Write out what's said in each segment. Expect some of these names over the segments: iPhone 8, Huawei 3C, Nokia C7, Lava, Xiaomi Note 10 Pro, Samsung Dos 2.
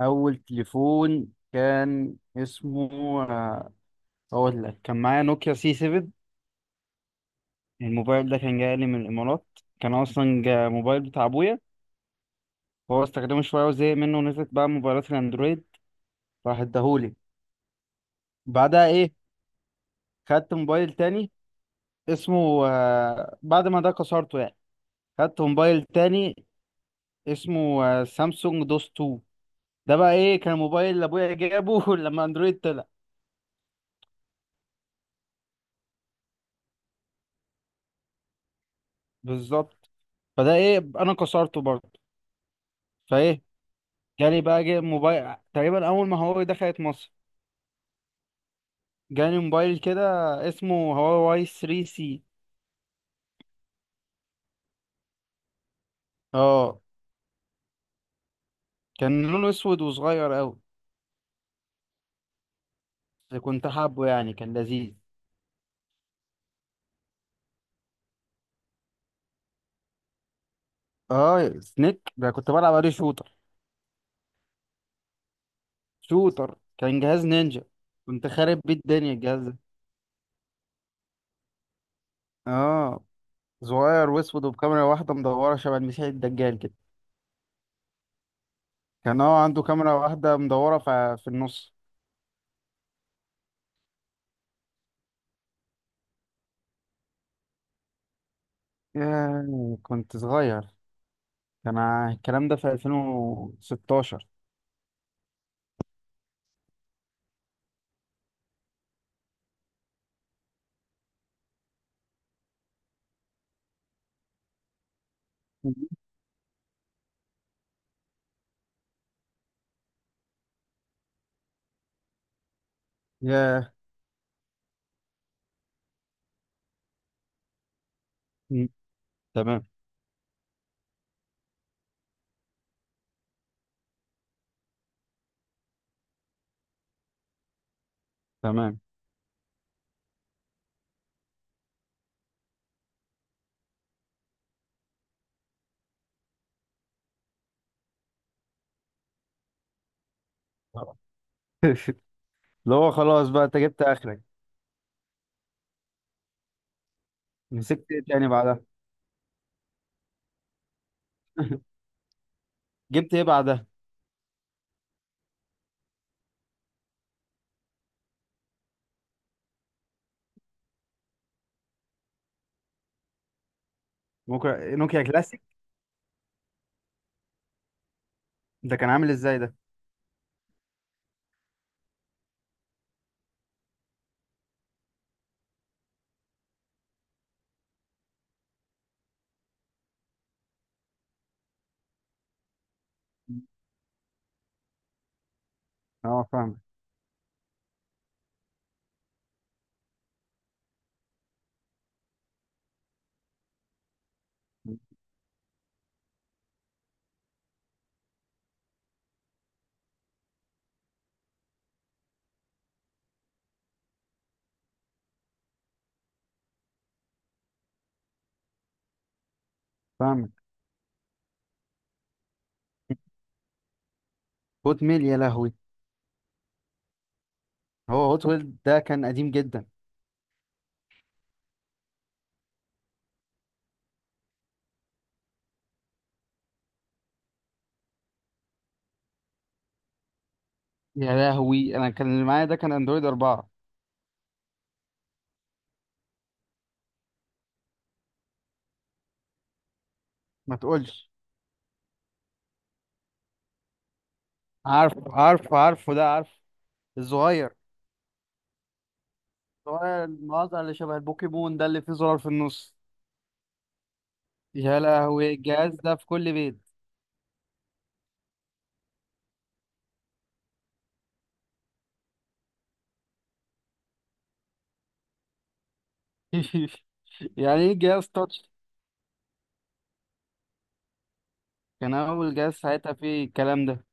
اول تليفون كان اسمه، آه، اقول لك كان معايا نوكيا سي 7. الموبايل ده كان جاي لي من الامارات، كان اصلا جا موبايل بتاع ابويا. هو استخدمه شويه وزهق منه ونزلت بقى موبايلات الاندرويد، راح اداهولي. بعدها ايه؟ خدت موبايل تاني اسمه بعد ما ده كسرته يعني. خدت موبايل تاني اسمه سامسونج دوس 2. ده بقى ايه، كان موبايل اللي ابويا جابه لما اندرويد طلع. بالظبط. فده ايه، انا كسرته برضه. فايه، جالي بقى موبايل تقريبا اول ما هواوي دخلت مصر. جالي موبايل كده اسمه هواوي 3 سي. اه كان لونه اسود وصغير قوي، بس كنت حابه يعني كان لذيذ. اه سنيك، ده كنت بلعب عليه شوتر. شوتر كان جهاز نينجا. كنت خارب بيه الدنيا الجهاز ده. اه صغير واسود وبكاميرا واحده مدوره شبه المسيح الدجال كده. كان هو عنده كاميرا واحده مدوره في النص. ياه كنت صغير، كان الكلام ده في 2016. ياه. مم. تمام. تمام. اللي هو خلاص بقى انت جبت اخرك. مسكت ايه تاني بعدها؟ جبت ايه بعدها؟ نوكيا كلاسيك. ده كان عامل ازاي ده؟ اه فاهمك. فاهمك. هوت ميل يا لهوي. هو هوت ميل ده كان قديم جدا. يا لهوي، انا كان اللي معايا ده كان اندرويد أربعة. ما تقولش. عارف عارف عارفه ده عارف. الصغير الصغير المقاطع اللي شبه البوكيمون ده اللي فيه زرار في النص. يا لهوي الجهاز ده في كل بيت. يعني ايه جهاز تاتش؟ كان أول جهاز ساعتها فيه الكلام ده.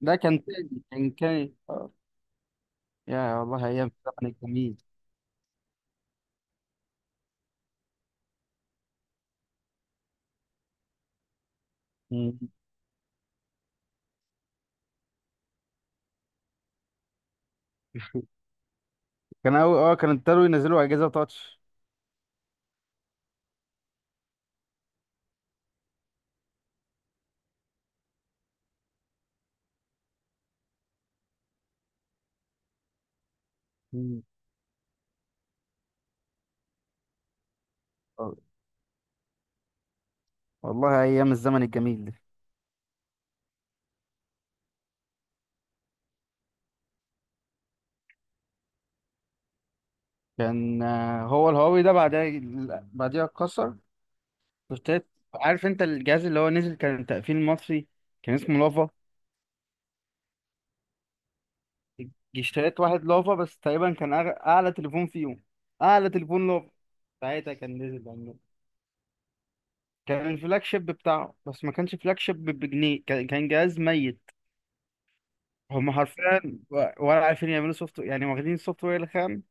ده كان تاني، كان. يا والله أيام الزمن الجميل. مم. كان أول كان ابتدوا ينزلوا أجهزة تاتش. مم. والله أيام الزمن الجميل ده. كان هو الهواوي ده بعدها. بعديها اتكسر. اشتريت. عارف أنت الجهاز اللي هو نزل كان تقفيل مصري، كان اسمه لافا. اشتريت واحد لافا. بس تقريبا كان أعلى تليفون فيهم. أعلى تليفون لافا ساعتها كان نزل يعني. كان الفلاج شيب بتاعه. بس ما كانش فلاج شيب بجنيه، كان جهاز ميت. هم حرفيا ولا عارفين يعملوا سوفت، يعني واخدين السوفت وير الخام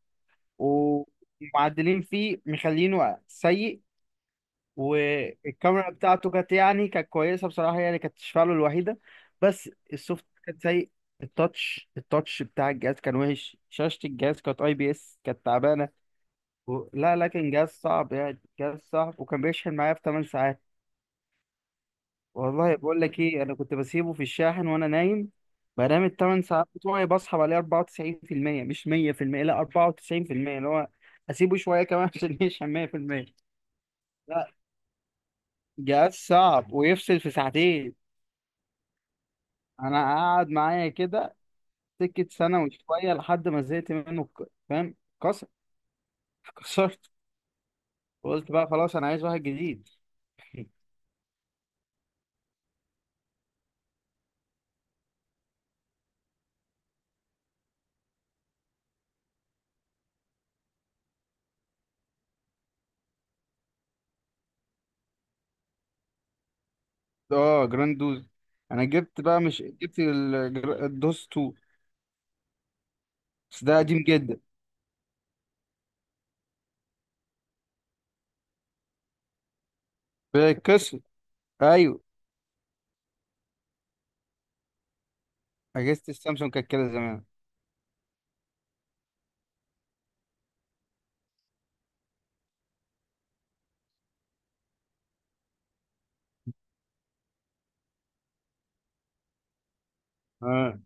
ومعدلين فيه مخلينه سيء. والكاميرا بتاعته كانت يعني كانت كويسه بصراحه، يعني كانت تشفعله الوحيده. بس السوفت كان سيء. التاتش بتاع الجهاز كان وحش، شاشه الجهاز كانت اي بي اس كانت تعبانه. لا لا، كان جهاز صعب يعني، جهاز صعب. وكان بيشحن معايا في 8 ساعات. والله بقول لك ايه، انا كنت بسيبه في الشاحن وانا نايم. بنام الثمان ساعات بتوعي، بصحى بلاقيه 94% مش 100%، لا 94%، اللي هو اسيبه شويه كمان عشان يشحن 100%. لا جهاز صعب ويفصل في ساعتين. انا قاعد معايا كده سكه سنه وشويه، لحد ما زهقت منه فاهم. كسر. كسرت. وقلت بقى خلاص انا عايز واحد جديد. اه جراند دوز. انا جبت بقى، مش جبت الدوز 2. بس ده قديم جدا. بيتكسر. ايوه. اجهزه السامسونج كانت كده زمان. آه.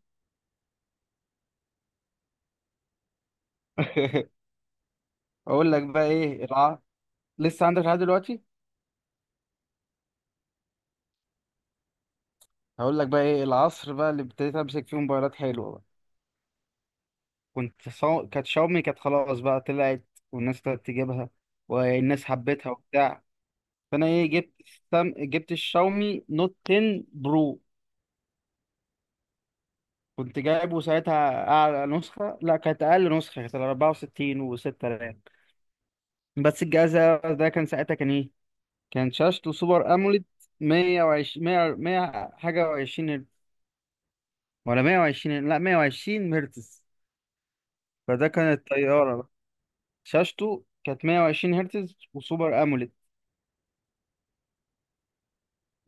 اقول لك بقى ايه لسه عندك لحد دلوقتي. هقول لك بقى ايه العصر بقى اللي ابتديت امسك فيه موبايلات حلوه بقى. كنت كانت شاومي كانت خلاص بقى طلعت، والناس ابتدت تجيبها والناس حبتها وبتاع. فانا ايه، جبت جبت الشاومي نوت 10 برو. كنت جايبه ساعتها اعلى نسخه، لا كانت اقل نسخه، كانت 64 و6000. بس الجهاز ده كان ساعتها كان ايه، كان شاشته سوبر اموليد 120 100 100 حاجه وعشرين هرتز، ولا 120، لا 120 هرتز. فده كانت طياره بقى. شاشته كانت 120 هرتز وسوبر اموليد.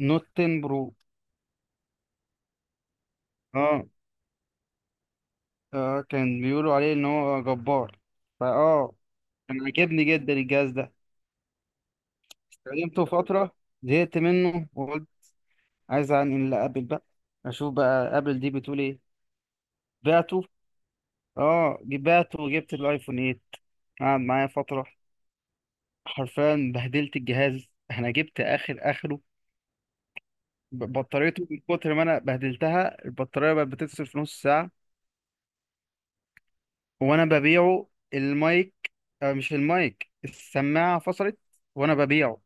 نوت 10 برو. اه كان بيقولوا عليه ان هو جبار. فاه كان عاجبني جدا الجهاز ده. استخدمته فتره، زهقت منه وقلت عايز انقل لابل بقى. اشوف بقى ابل دي بتقول ايه. بعته. اه بعته وجبت الايفون 8. قعد معايا فتره. حرفيا بهدلت الجهاز، انا جبت اخر اخره. بطاريته من كتر ما انا بهدلتها، البطاريه بقت بتفصل في نص ساعه وانا ببيعه. المايك، مش المايك، السماعه فصلت وانا ببيعه.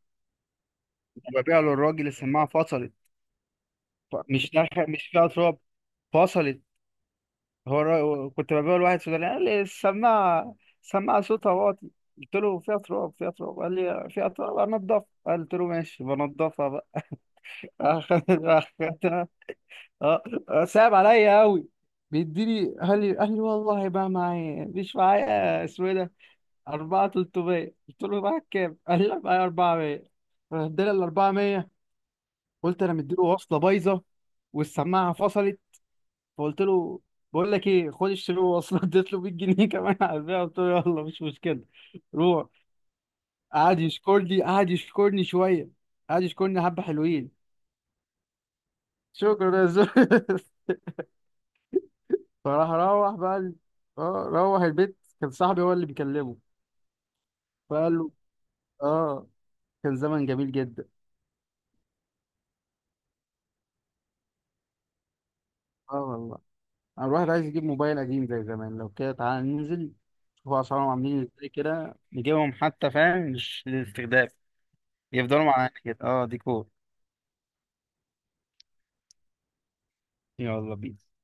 ببيعه للراجل، السماعه فصلت. مش فيها تراب، فصلت. هو كنت ببيعه لواحد سوداني قال لي السماعه، السماعه صوتها واطي. قلت له فيها تراب، فيها تراب. قال لي فيها تراب، انضفها. قلت له ماشي بنضفها بقى. أخدت. اه صعب عليا قوي. بيديني، قال لي والله بقى معايا، مش معايا اسمه ايه ده، 4 300. قلت له معاك كام؟ قال لي معايا 400. فاداني ال 400. قلت انا مديله وصله بايظه والسماعه فصلت. فقلت له بقول لك ايه، خد اشتري له وصله. اديت له 100 جنيه كمان على البيع. قلت له يلا مش مشكله، روح. قعد يشكرني، قعد يشكرني شويه، قعد يشكرني حبه حلوين. شكرا يا زلمه. فراح روح بقى اه روح البيت. كان صاحبي هو اللي بيكلمه. فقال له اه. كان زمن جميل جدا. اه والله. انا الواحد عايز يجيب موبايل قديم زي زمان. لو كده تعالى ننزل نشوف اسعارهم عاملين ازاي كده، نجيبهم حتى فاهم مش للاستخدام. يفضلوا معانا كده. اه ديكور. يلا بينا.